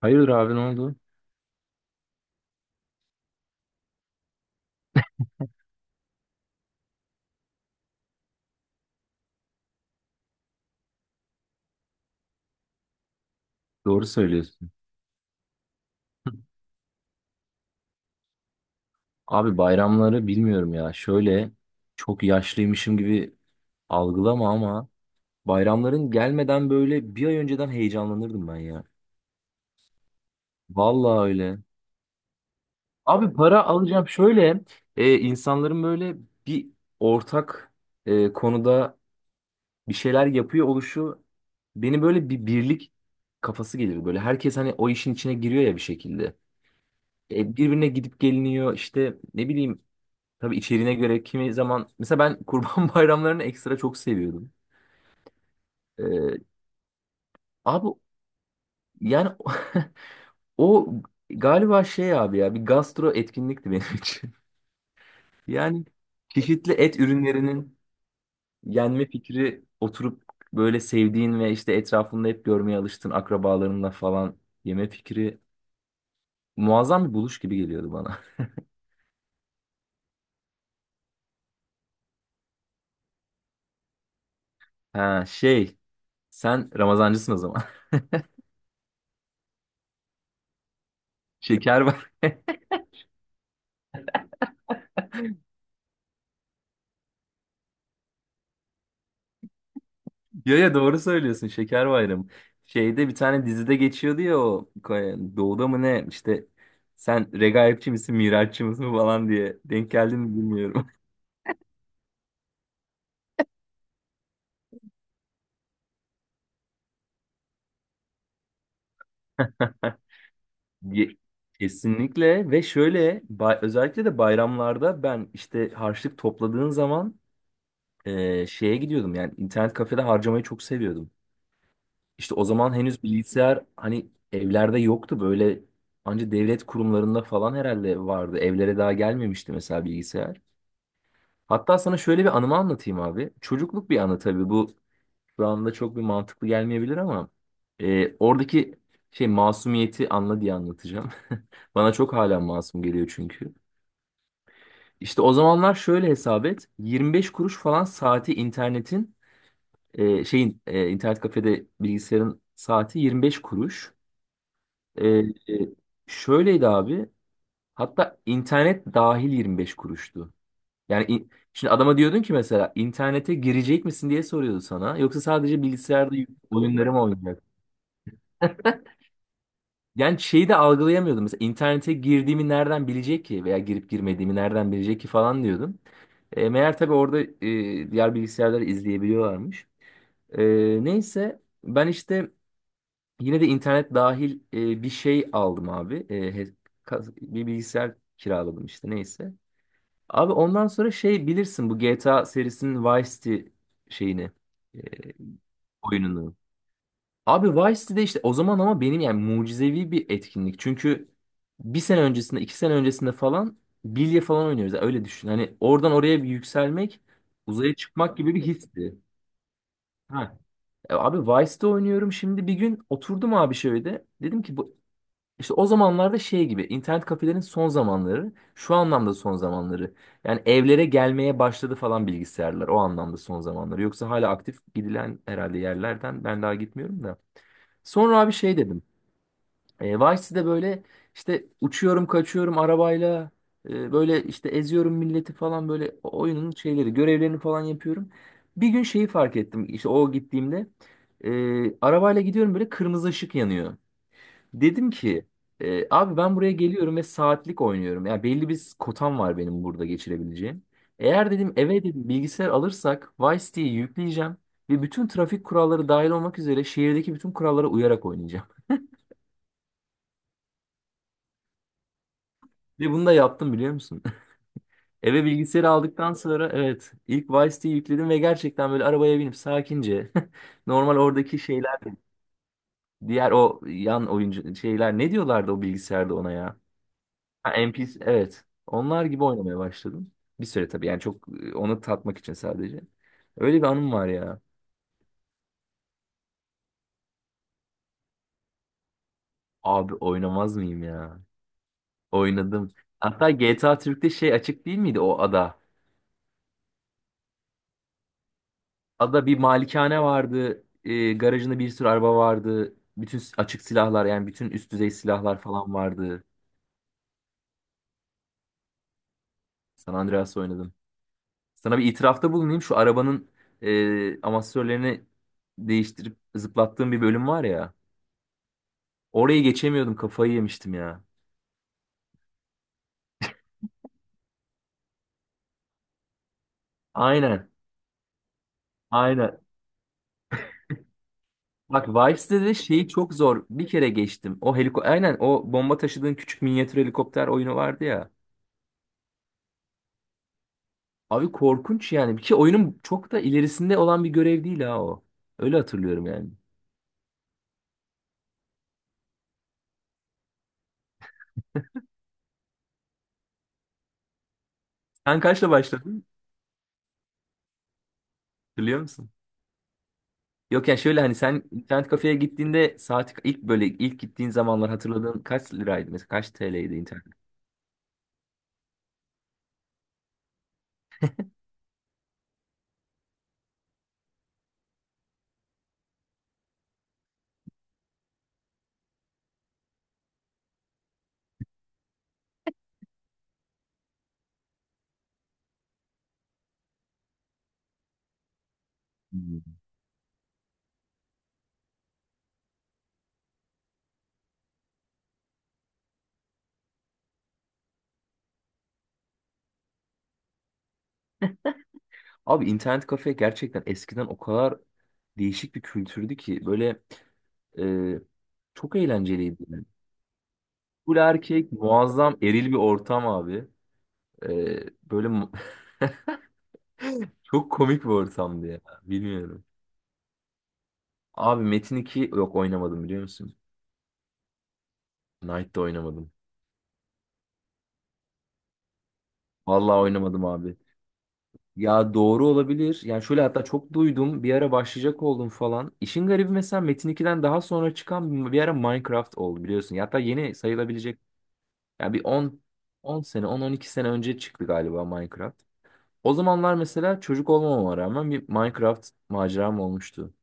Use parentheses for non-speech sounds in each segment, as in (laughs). Hayırdır abi ne oldu? Doğru söylüyorsun. Abi bayramları bilmiyorum ya. Şöyle çok yaşlıymışım gibi algılama ama bayramların gelmeden böyle bir ay önceden heyecanlanırdım ben ya. Vallahi öyle. Abi para alacağım şöyle insanların böyle bir ortak konuda bir şeyler yapıyor oluşu beni böyle bir birlik kafası gelir böyle. Herkes hani o işin içine giriyor ya bir şekilde. Birbirine gidip geliniyor işte ne bileyim. Tabii içeriğine göre kimi zaman mesela ben kurban (laughs) bayramlarını ekstra çok seviyordum. Ee, Abi yani, (laughs) o galiba şey abi ya, bir gastro etkinlikti benim için. (laughs) Yani çeşitli et ürünlerinin yenme fikri, oturup böyle sevdiğin ve işte etrafında hep görmeye alıştığın akrabalarınla falan yeme fikri muazzam bir buluş gibi geliyordu bana. (laughs) Ha, şey, sen Ramazancısın o zaman. (laughs) Şeker Ya ya doğru söylüyorsun, Şeker Bayramı. Şeyde bir tane dizide geçiyordu ya, o Doğu'da mı ne işte, sen regaipçi misin miraççı mısın falan diye denk geldi mi bilmiyorum. (laughs) Ye- Kesinlikle, ve şöyle özellikle de bayramlarda ben işte harçlık topladığın zaman şeye gidiyordum, yani internet kafede harcamayı çok seviyordum. İşte o zaman henüz bilgisayar hani evlerde yoktu, böyle anca devlet kurumlarında falan herhalde vardı. Evlere daha gelmemişti mesela bilgisayar. Hatta sana şöyle bir anımı anlatayım abi. Çocukluk bir anı tabii bu, şu anda çok bir mantıklı gelmeyebilir ama oradaki şey masumiyeti anla diye anlatacağım. (laughs) Bana çok hala masum geliyor çünkü. İşte o zamanlar şöyle hesap et. 25 kuruş falan saati internetin, şeyin, internet kafede bilgisayarın saati 25 kuruş. E, e, Şöyleydi abi. Hatta internet dahil 25 kuruştu. Yani şimdi adama diyordun ki mesela internete girecek misin diye soruyordu sana. Yoksa sadece bilgisayarda oyunları mı oynayacak? Yani şeyi de algılayamıyordum. Mesela internete girdiğimi nereden bilecek ki? Veya girip girmediğimi nereden bilecek ki falan diyordum. Meğer tabii orada diğer bilgisayarları izleyebiliyorlarmış. E, Neyse ben işte yine de internet dahil bir şey aldım abi. Bir bilgisayar kiraladım işte, neyse. Abi ondan sonra şey, bilirsin bu GTA serisinin Vice City şeyini, e, oyununu. Abi Vice City'de işte o zaman ama, benim yani mucizevi bir etkinlik. Çünkü bir sene öncesinde iki sene öncesinde falan bilye falan oynuyoruz. Yani öyle düşün. Hani oradan oraya bir yükselmek, uzaya çıkmak gibi bir histi. Ha. Abi Vice'de oynuyorum, şimdi bir gün oturdum abi şöyle. Dedim ki bu, işte o zamanlarda şey gibi, internet kafelerin son zamanları, şu anlamda son zamanları. Yani evlere gelmeye başladı falan bilgisayarlar, o anlamda son zamanları. Yoksa hala aktif gidilen herhalde yerlerden, ben daha gitmiyorum da. Sonra abi şey dedim. Vice City'de böyle işte uçuyorum kaçıyorum arabayla, böyle işte eziyorum milleti falan, böyle oyunun şeyleri, görevlerini falan yapıyorum. Bir gün şeyi fark ettim, işte o gittiğimde arabayla gidiyorum böyle, kırmızı ışık yanıyor. Dedim ki abi, ben buraya geliyorum ve saatlik oynuyorum. Yani belli bir kotam var benim burada geçirebileceğim. Eğer dedim eve dedim bilgisayar alırsak, Vice City'yi yükleyeceğim ve bütün trafik kuralları dahil olmak üzere, şehirdeki bütün kurallara uyarak oynayacağım. (laughs) Ve bunu da yaptım biliyor musun? (laughs) Eve bilgisayarı aldıktan sonra, evet, ilk Vice City'yi yükledim ve gerçekten böyle arabaya binip sakince, (laughs) normal oradaki şeyler, diğer o yan oyuncu şeyler, ne diyorlardı o bilgisayarda ona ya? Ha, NPC, evet. Onlar gibi oynamaya başladım. Bir süre tabii, yani çok, onu tatmak için sadece. Öyle bir anım var ya. Abi oynamaz mıyım ya? Oynadım. Hatta GTA Türk'te şey açık değil miydi, o ada? Ada bir malikane vardı. Garajında bir sürü araba vardı. Bütün açık silahlar, yani bütün üst düzey silahlar falan vardı. San Andreas oynadım. Sana bir itirafta bulunayım. Şu arabanın amortisörlerini değiştirip zıplattığım bir bölüm var ya. Orayı geçemiyordum. Kafayı yemiştim ya. Aynen. Aynen. Bak, Vibes'te de şeyi çok zor. Bir kere geçtim. O aynen, o bomba taşıdığın küçük minyatür helikopter oyunu vardı ya. Abi korkunç yani. Bir kere oyunun çok da ilerisinde olan bir görev değil ha o. Öyle hatırlıyorum yani. Sen kaçla başladın? Hatırlıyor musun? Yok, yani şöyle, hani sen internet kafeye gittiğinde saat, ilk böyle ilk gittiğin zamanlar hatırladığın, kaç liraydı mesela, kaç TL'ydi internet? Hmm. Abi internet kafe gerçekten eskiden o kadar değişik bir kültürdü ki böyle, e, çok eğlenceliydi, yani. Full erkek, muazzam eril bir ortam abi. E, Böyle (laughs) çok komik bir ortamdı ya. Bilmiyorum. Abi Metin 2, yok, oynamadım biliyor musun? Knight'da oynamadım. Vallahi oynamadım abi. Ya, doğru olabilir. Yani şöyle, hatta çok duydum. Bir ara başlayacak oldum falan. İşin garibi, mesela Metin 2'den daha sonra çıkan, bir ara Minecraft oldu biliyorsun. Ya hatta yeni sayılabilecek, yani bir 10 sene, 10-12 sene önce çıktı galiba Minecraft. O zamanlar mesela çocuk olmamama rağmen bir Minecraft maceram olmuştu.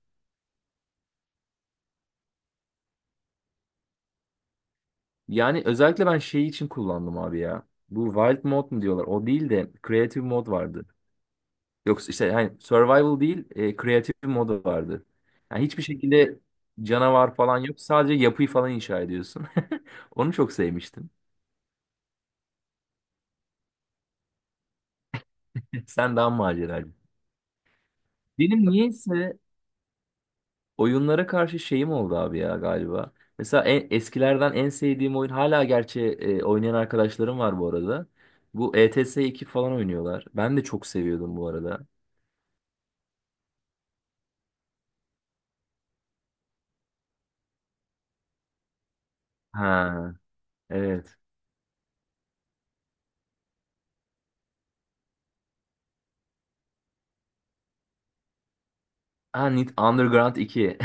Yani özellikle ben şeyi için kullandım abi ya. Bu Wild Mode mu diyorlar? O değil de Creative Mode vardı. Yoksa işte hani Survival değil, Creative Mode vardı. Yani hiçbir şekilde canavar falan yok. Sadece yapıyı falan inşa ediyorsun. (laughs) Onu çok sevmiştim. (laughs) Sen daha maceracı. Benim niyeyse oyunlara karşı şeyim oldu abi ya galiba. Mesela eskilerden en sevdiğim oyun hala, gerçi oynayan arkadaşlarım var bu arada. Bu ETS 2 falan oynuyorlar. Ben de çok seviyordum bu arada. Ha, evet. Ha, Need Underground 2.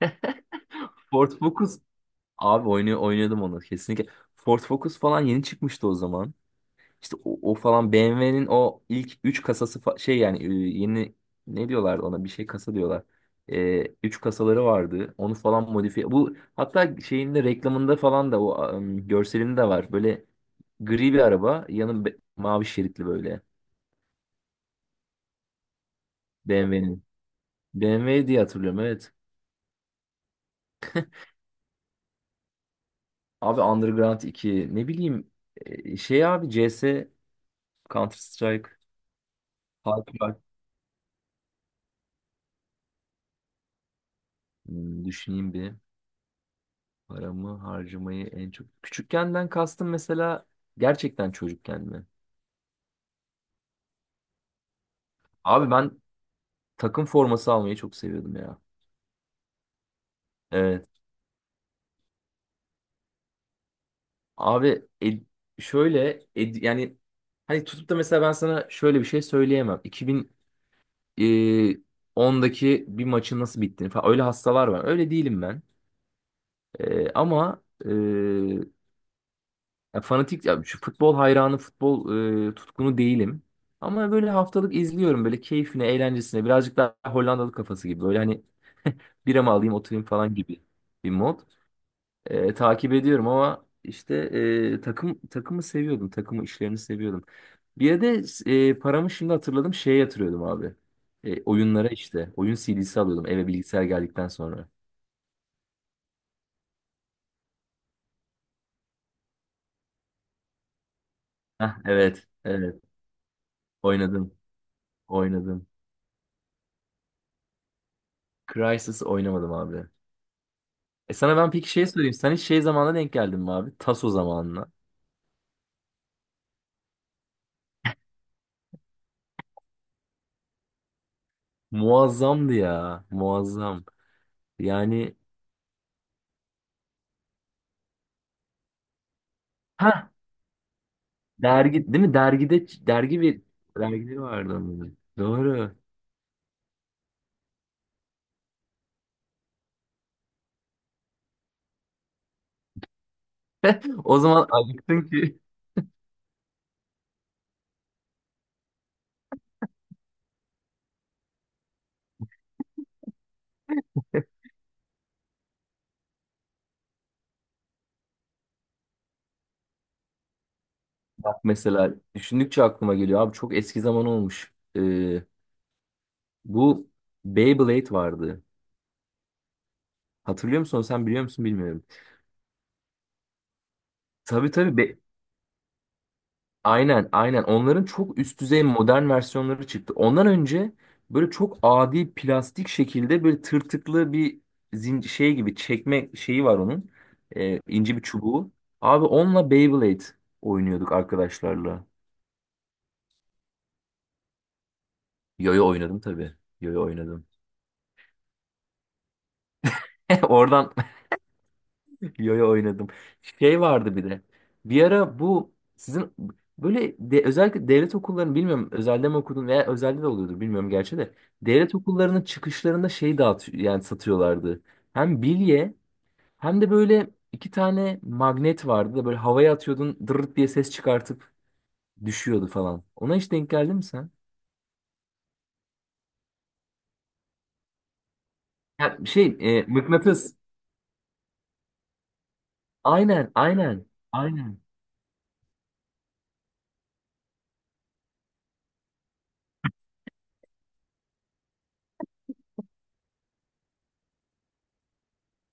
(laughs) Ford Focus, abi oynuyordum onu kesinlikle. Ford Focus falan yeni çıkmıştı o zaman. İşte o falan BMW'nin o ilk 3 kasası şey, yani yeni, ne diyorlardı ona, bir şey kasa diyorlar. Üç kasaları vardı. Onu falan modifiye. Bu hatta şeyinde, reklamında falan da o, görselinde de var. Böyle gri bir araba, yanı mavi şeritli böyle BMW'nin. BMW diye hatırlıyorum, evet. Abi Underground 2, ne bileyim, şey abi, CS, Counter Strike, Half-Life. Düşüneyim bir. Paramı harcamayı en çok... Küçükkenden kastım, mesela gerçekten çocukken mi? Abi ben takım forması almayı çok seviyordum ya. Evet. Abi şöyle yani, hani tutup da mesela ben sana şöyle bir şey söyleyemem. 2010'daki bir maçın nasıl bittiğini falan, öyle hastalar var. Öyle değilim ben. Ama ya fanatik, ya şu futbol hayranı, futbol tutkunu değilim. Ama böyle haftalık izliyorum, böyle keyfine, eğlencesine. Birazcık daha Hollandalı kafası gibi. Böyle hani, bira mı alayım oturayım falan gibi bir mod. Takip ediyorum ama işte, takım, takımı seviyordum. Takımı, işlerini seviyordum. Bir de paramı, şimdi hatırladım, şeye yatırıyordum abi. Oyunlara işte. Oyun CD'si alıyordum eve bilgisayar geldikten sonra. Heh, evet. Evet. Oynadım. Oynadım. Crysis oynamadım abi. Sana ben peki şey sorayım. Sen hiç şey zamanına denk geldin mi abi? Taso zamanına. Muazzamdı ya. Muazzam. Yani, ha, dergi değil mi? Dergide, dergi, bir dergileri vardı onların. Doğru. (laughs) O zaman acıktın ki. Bak, mesela düşündükçe aklıma geliyor abi, çok eski zaman olmuş. Bu Beyblade vardı. Hatırlıyor musun? Sen biliyor musun bilmiyorum. Tabii tabii. Aynen, aynen. Onların çok üst düzey modern versiyonları çıktı. Ondan önce böyle çok adi plastik şekilde, böyle tırtıklı bir şey gibi çekme şeyi var onun. İnce bir çubuğu. Abi onunla Beyblade oynuyorduk arkadaşlarla. Yoyo oynadım tabii. Yoyo oynadım. (laughs) Oradan Yo-yo oynadım. Şey vardı bir de. Bir ara bu sizin böyle de, özellikle devlet okullarını bilmiyorum, özelde mi okudun veya özelde de oluyordur bilmiyorum gerçi de. Devlet okullarının çıkışlarında şey dağıtıyor, yani satıyorlardı. Hem bilye hem de böyle iki tane magnet vardı da, böyle havaya atıyordun dırırt diye ses çıkartıp düşüyordu falan. Ona hiç denk geldin mi sen? Ya şey, mıknatıs. Aynen aynen. Aynen.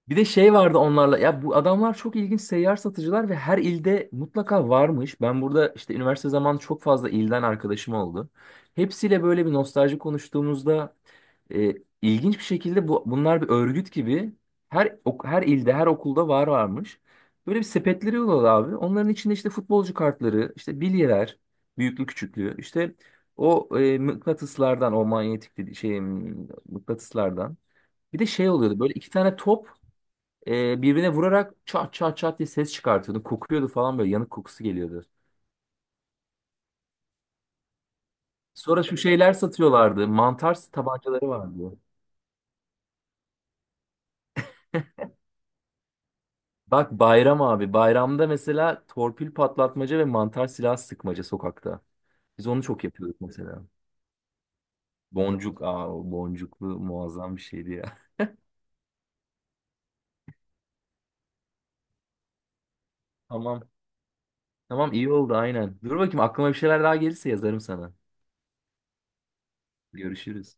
Bir de şey vardı onlarla. Ya, bu adamlar çok ilginç seyyar satıcılar ve her ilde mutlaka varmış. Ben burada işte üniversite zamanı çok fazla ilden arkadaşım oldu. Hepsiyle böyle bir nostalji konuştuğumuzda e, ilginç bir şekilde, bu bunlar bir örgüt gibi her her ilde, her okulda var varmış. Böyle bir sepetleri oluyordu abi. Onların içinde işte futbolcu kartları, işte bilyeler, büyüklü küçüklü, işte o mıknatıslardan, o manyetik şey mıknatıslardan. Bir de şey oluyordu, böyle iki tane top birbirine vurarak çat çat çat diye ses çıkartıyordu. Kokuyordu falan, böyle yanık kokusu geliyordu. Sonra şu şeyler satıyorlardı. Mantar tabancaları vardı. Bak, bayram abi. Bayramda mesela torpil patlatmaca ve mantar silah sıkmaca sokakta. Biz onu çok yapıyorduk mesela. Boncuk. Aa, o boncuklu muazzam bir şeydi ya. (laughs) Tamam. Tamam, iyi oldu aynen. Dur bakayım, aklıma bir şeyler daha gelirse yazarım sana. Görüşürüz.